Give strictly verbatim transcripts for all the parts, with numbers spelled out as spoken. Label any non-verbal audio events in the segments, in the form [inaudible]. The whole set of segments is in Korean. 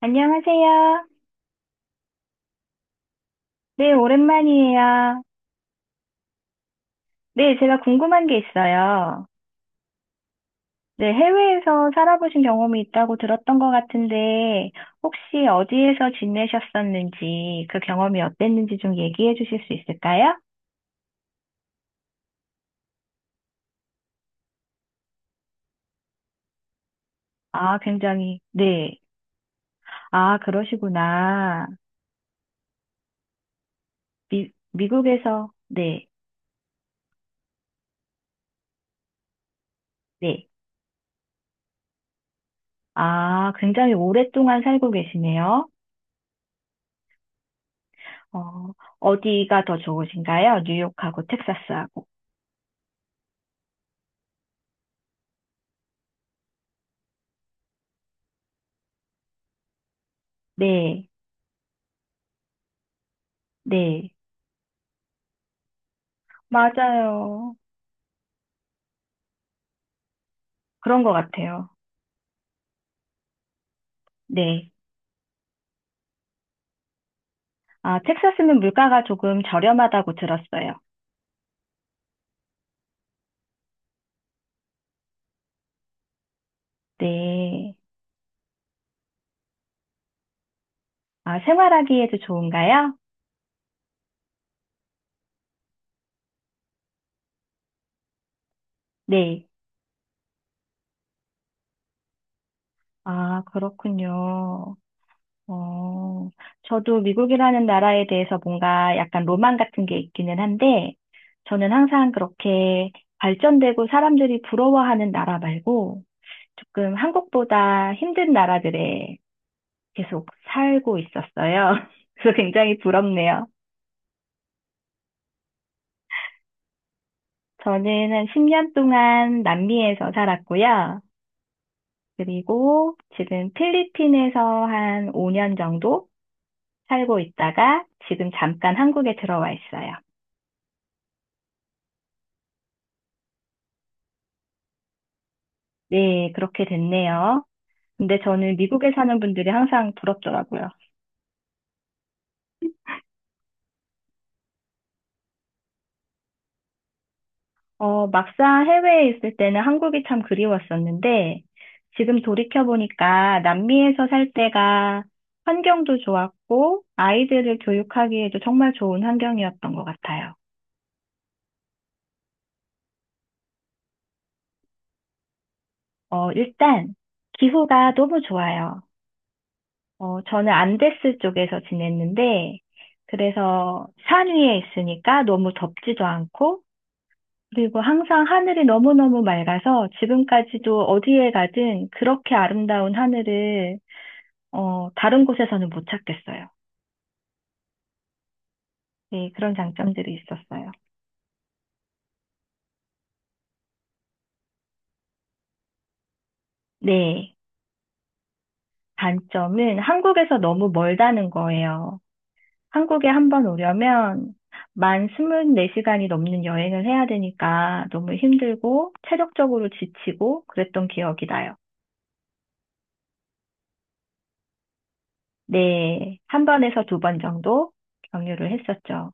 안녕하세요. 네, 오랜만이에요. 네, 제가 궁금한 게 있어요. 네, 해외에서 살아보신 경험이 있다고 들었던 것 같은데, 혹시 어디에서 지내셨었는지, 그 경험이 어땠는지 좀 얘기해 주실 수 있을까요? 아, 굉장히, 네. 아, 그러시구나. 미, 미국에서, 네, 네. 아, 굉장히 오랫동안 살고 계시네요. 어, 어디가 더 좋으신가요? 뉴욕하고 텍사스하고. 네, 네. 맞아요. 그런 것 같아요. 네. 아, 텍사스는 물가가 조금 저렴하다고 들었어요. 네. 아, 생활하기에도 좋은가요? 네. 아, 그렇군요. 어, 저도 미국이라는 나라에 대해서 뭔가 약간 로망 같은 게 있기는 한데, 저는 항상 그렇게 발전되고 사람들이 부러워하는 나라 말고, 조금 한국보다 힘든 나라들에 계속 살고 있었어요. [laughs] 그래서 굉장히 부럽네요. 저는 한 십 년 동안 남미에서 살았고요. 그리고 지금 필리핀에서 한 오 년 정도 살고 있다가 지금 잠깐 한국에 들어와 있어요. 네, 그렇게 됐네요. 근데 저는 미국에 사는 분들이 항상 부럽더라고요. 어, 막상 해외에 있을 때는 한국이 참 그리웠었는데 지금 돌이켜보니까 남미에서 살 때가 환경도 좋았고 아이들을 교육하기에도 정말 좋은 환경이었던 것 같아요. 어, 일단 기후가 너무 좋아요. 어, 저는 안데스 쪽에서 지냈는데, 그래서 산 위에 있으니까 너무 덥지도 않고, 그리고 항상 하늘이 너무너무 맑아서 지금까지도 어디에 가든 그렇게 아름다운 하늘을, 어, 다른 곳에서는 못 찾겠어요. 네, 그런 장점들이 있었어요. 네, 단점은 한국에서 너무 멀다는 거예요. 한국에 한 번 오려면 만 이십사 시간이 넘는 여행을 해야 되니까 너무 힘들고 체력적으로 지치고 그랬던 기억이 나요. 네, 한 번에서 두 번 정도 경유를 했었죠.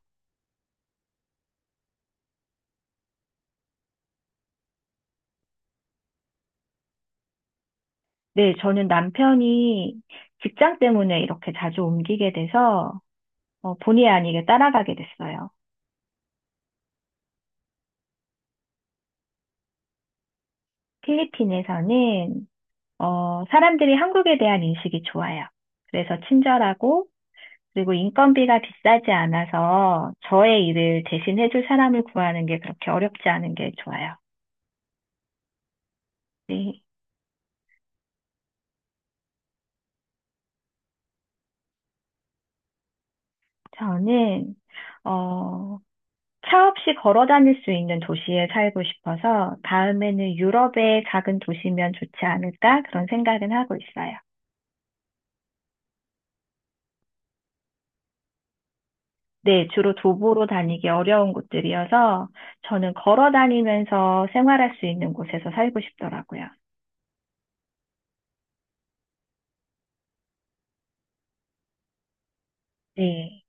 네, 저는 남편이 직장 때문에 이렇게 자주 옮기게 돼서 어, 본의 아니게 따라가게 됐어요. 필리핀에서는 어, 사람들이 한국에 대한 인식이 좋아요. 그래서 친절하고 그리고 인건비가 비싸지 않아서 저의 일을 대신 해줄 사람을 구하는 게 그렇게 어렵지 않은 게 좋아요. 네. 저는, 어, 차 없이 걸어 다닐 수 있는 도시에 살고 싶어서 다음에는 유럽의 작은 도시면 좋지 않을까 그런 생각은 하고 있어요. 네, 주로 도보로 다니기 어려운 곳들이어서 저는 걸어 다니면서 생활할 수 있는 곳에서 살고 싶더라고요. 네.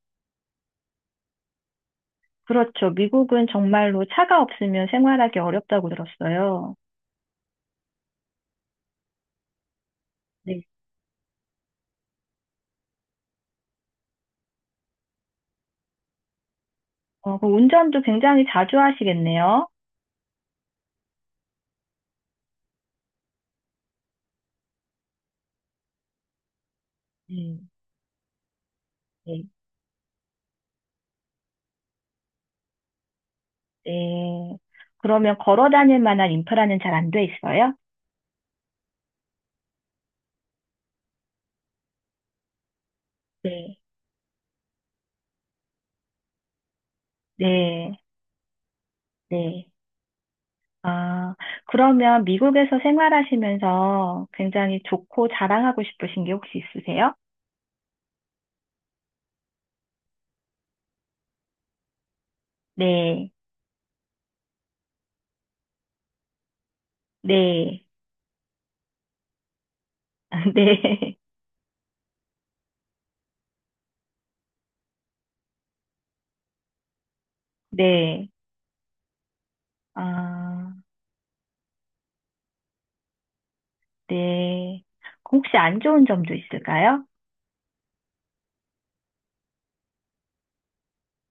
그렇죠. 미국은 정말로 차가 없으면 생활하기 어렵다고 들었어요. 네, 어, 그 운전도 굉장히 자주 하시겠네요. 네, 네, 네. 그러면 걸어 다닐 만한 인프라는 잘 안 돼 있어요? 네, 네. 네. 아, 그러면 미국에서 생활하시면서 굉장히 좋고 자랑하고 싶으신 게 혹시 있으세요? 네. 네. [laughs] 네. 네. 아, 네. 혹시 안 좋은 점도 있을까요?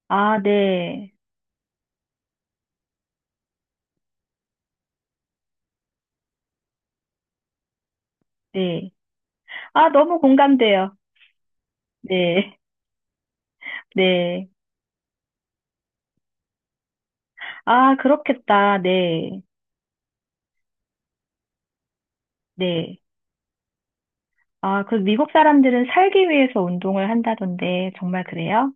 아, 네. 네. 아, 너무 공감돼요. 네. 네. 아, 그렇겠다. 네. 네. 아, 그 미국 사람들은 살기 위해서 운동을 한다던데, 정말 그래요?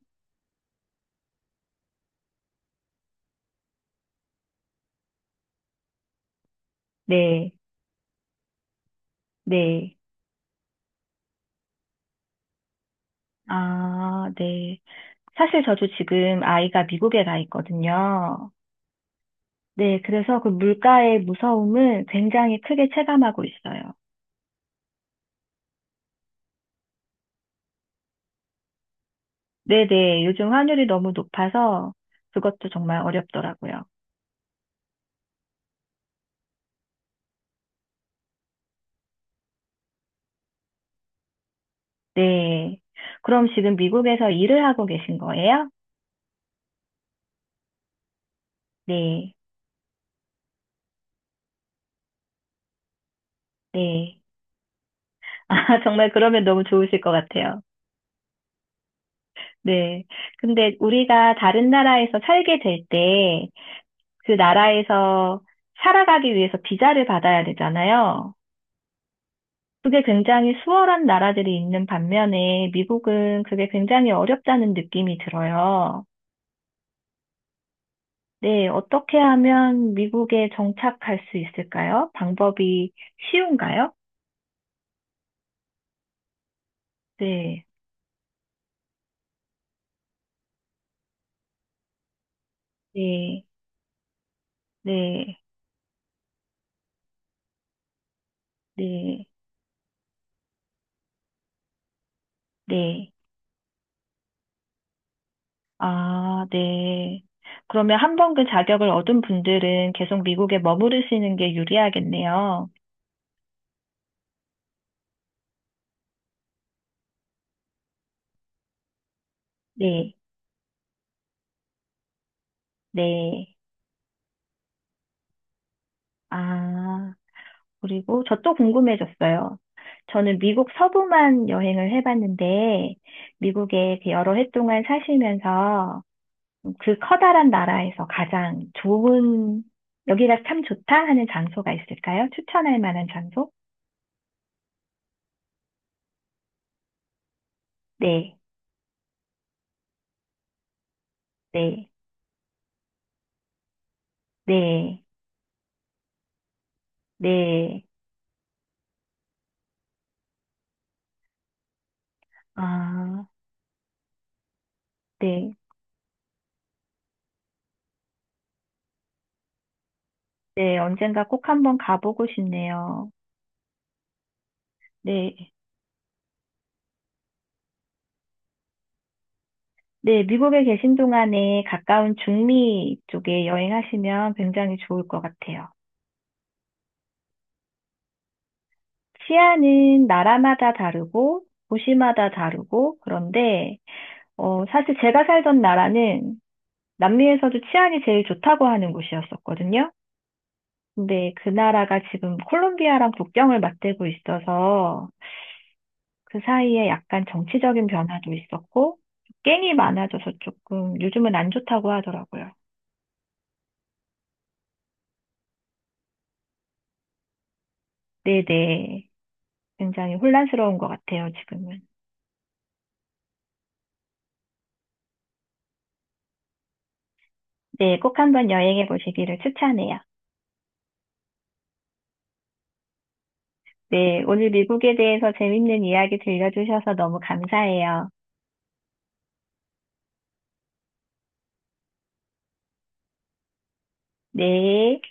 네. 네. 아, 네. 사실 저도 지금 아이가 미국에 가 있거든요. 네. 그래서 그 물가의 무서움을 굉장히 크게 체감하고 있어요. 네네. 요즘 환율이 너무 높아서 그것도 정말 어렵더라고요. 네. 그럼 지금 미국에서 일을 하고 계신 거예요? 네. 네. 아, [laughs] 정말 그러면 너무 좋으실 것 같아요. 네. 근데 우리가 다른 나라에서 살게 될 때, 그 나라에서 살아가기 위해서 비자를 받아야 되잖아요. 그게 굉장히 수월한 나라들이 있는 반면에 미국은 그게 굉장히 어렵다는 느낌이 들어요. 네. 어떻게 하면 미국에 정착할 수 있을까요? 방법이 쉬운가요? 네. 네. 네, 네, 네. 아, 네. 그러면 한 번 그 자격을 얻은 분들은 계속 미국에 머무르시는 게 유리하겠네요. 네, 네. 아, 그리고 저 또 궁금해졌어요. 저는 미국 서부만 여행을 해봤는데, 미국에 그 여러 해 동안 사시면서 그 커다란 나라에서 가장 좋은, 여기가 참 좋다 하는 장소가 있을까요? 추천할 만한 장소? 네, 네, 네. 네. 아, 네. 네, 언젠가 꼭 한번 가보고 싶네요. 네. 네, 미국에 계신 동안에 가까운 중미 쪽에 여행하시면 굉장히 좋을 것 같아요. 치안은 나라마다 다르고 도시마다 다르고 그런데 어, 사실 제가 살던 나라는 남미에서도 치안이 제일 좋다고 하는 곳이었었거든요. 근데 그 나라가 지금 콜롬비아랑 국경을 맞대고 있어서 그 사이에 약간 정치적인 변화도 있었고, 깽이 많아져서 조금 요즘은 안 좋다고 하더라고요. 네네. 굉장히 혼란스러운 것 같아요, 지금은. 네, 꼭 한번 여행해 보시기를 추천해요. 네, 오늘 미국에 대해서 재밌는 이야기 들려주셔서 너무 감사해요. 네.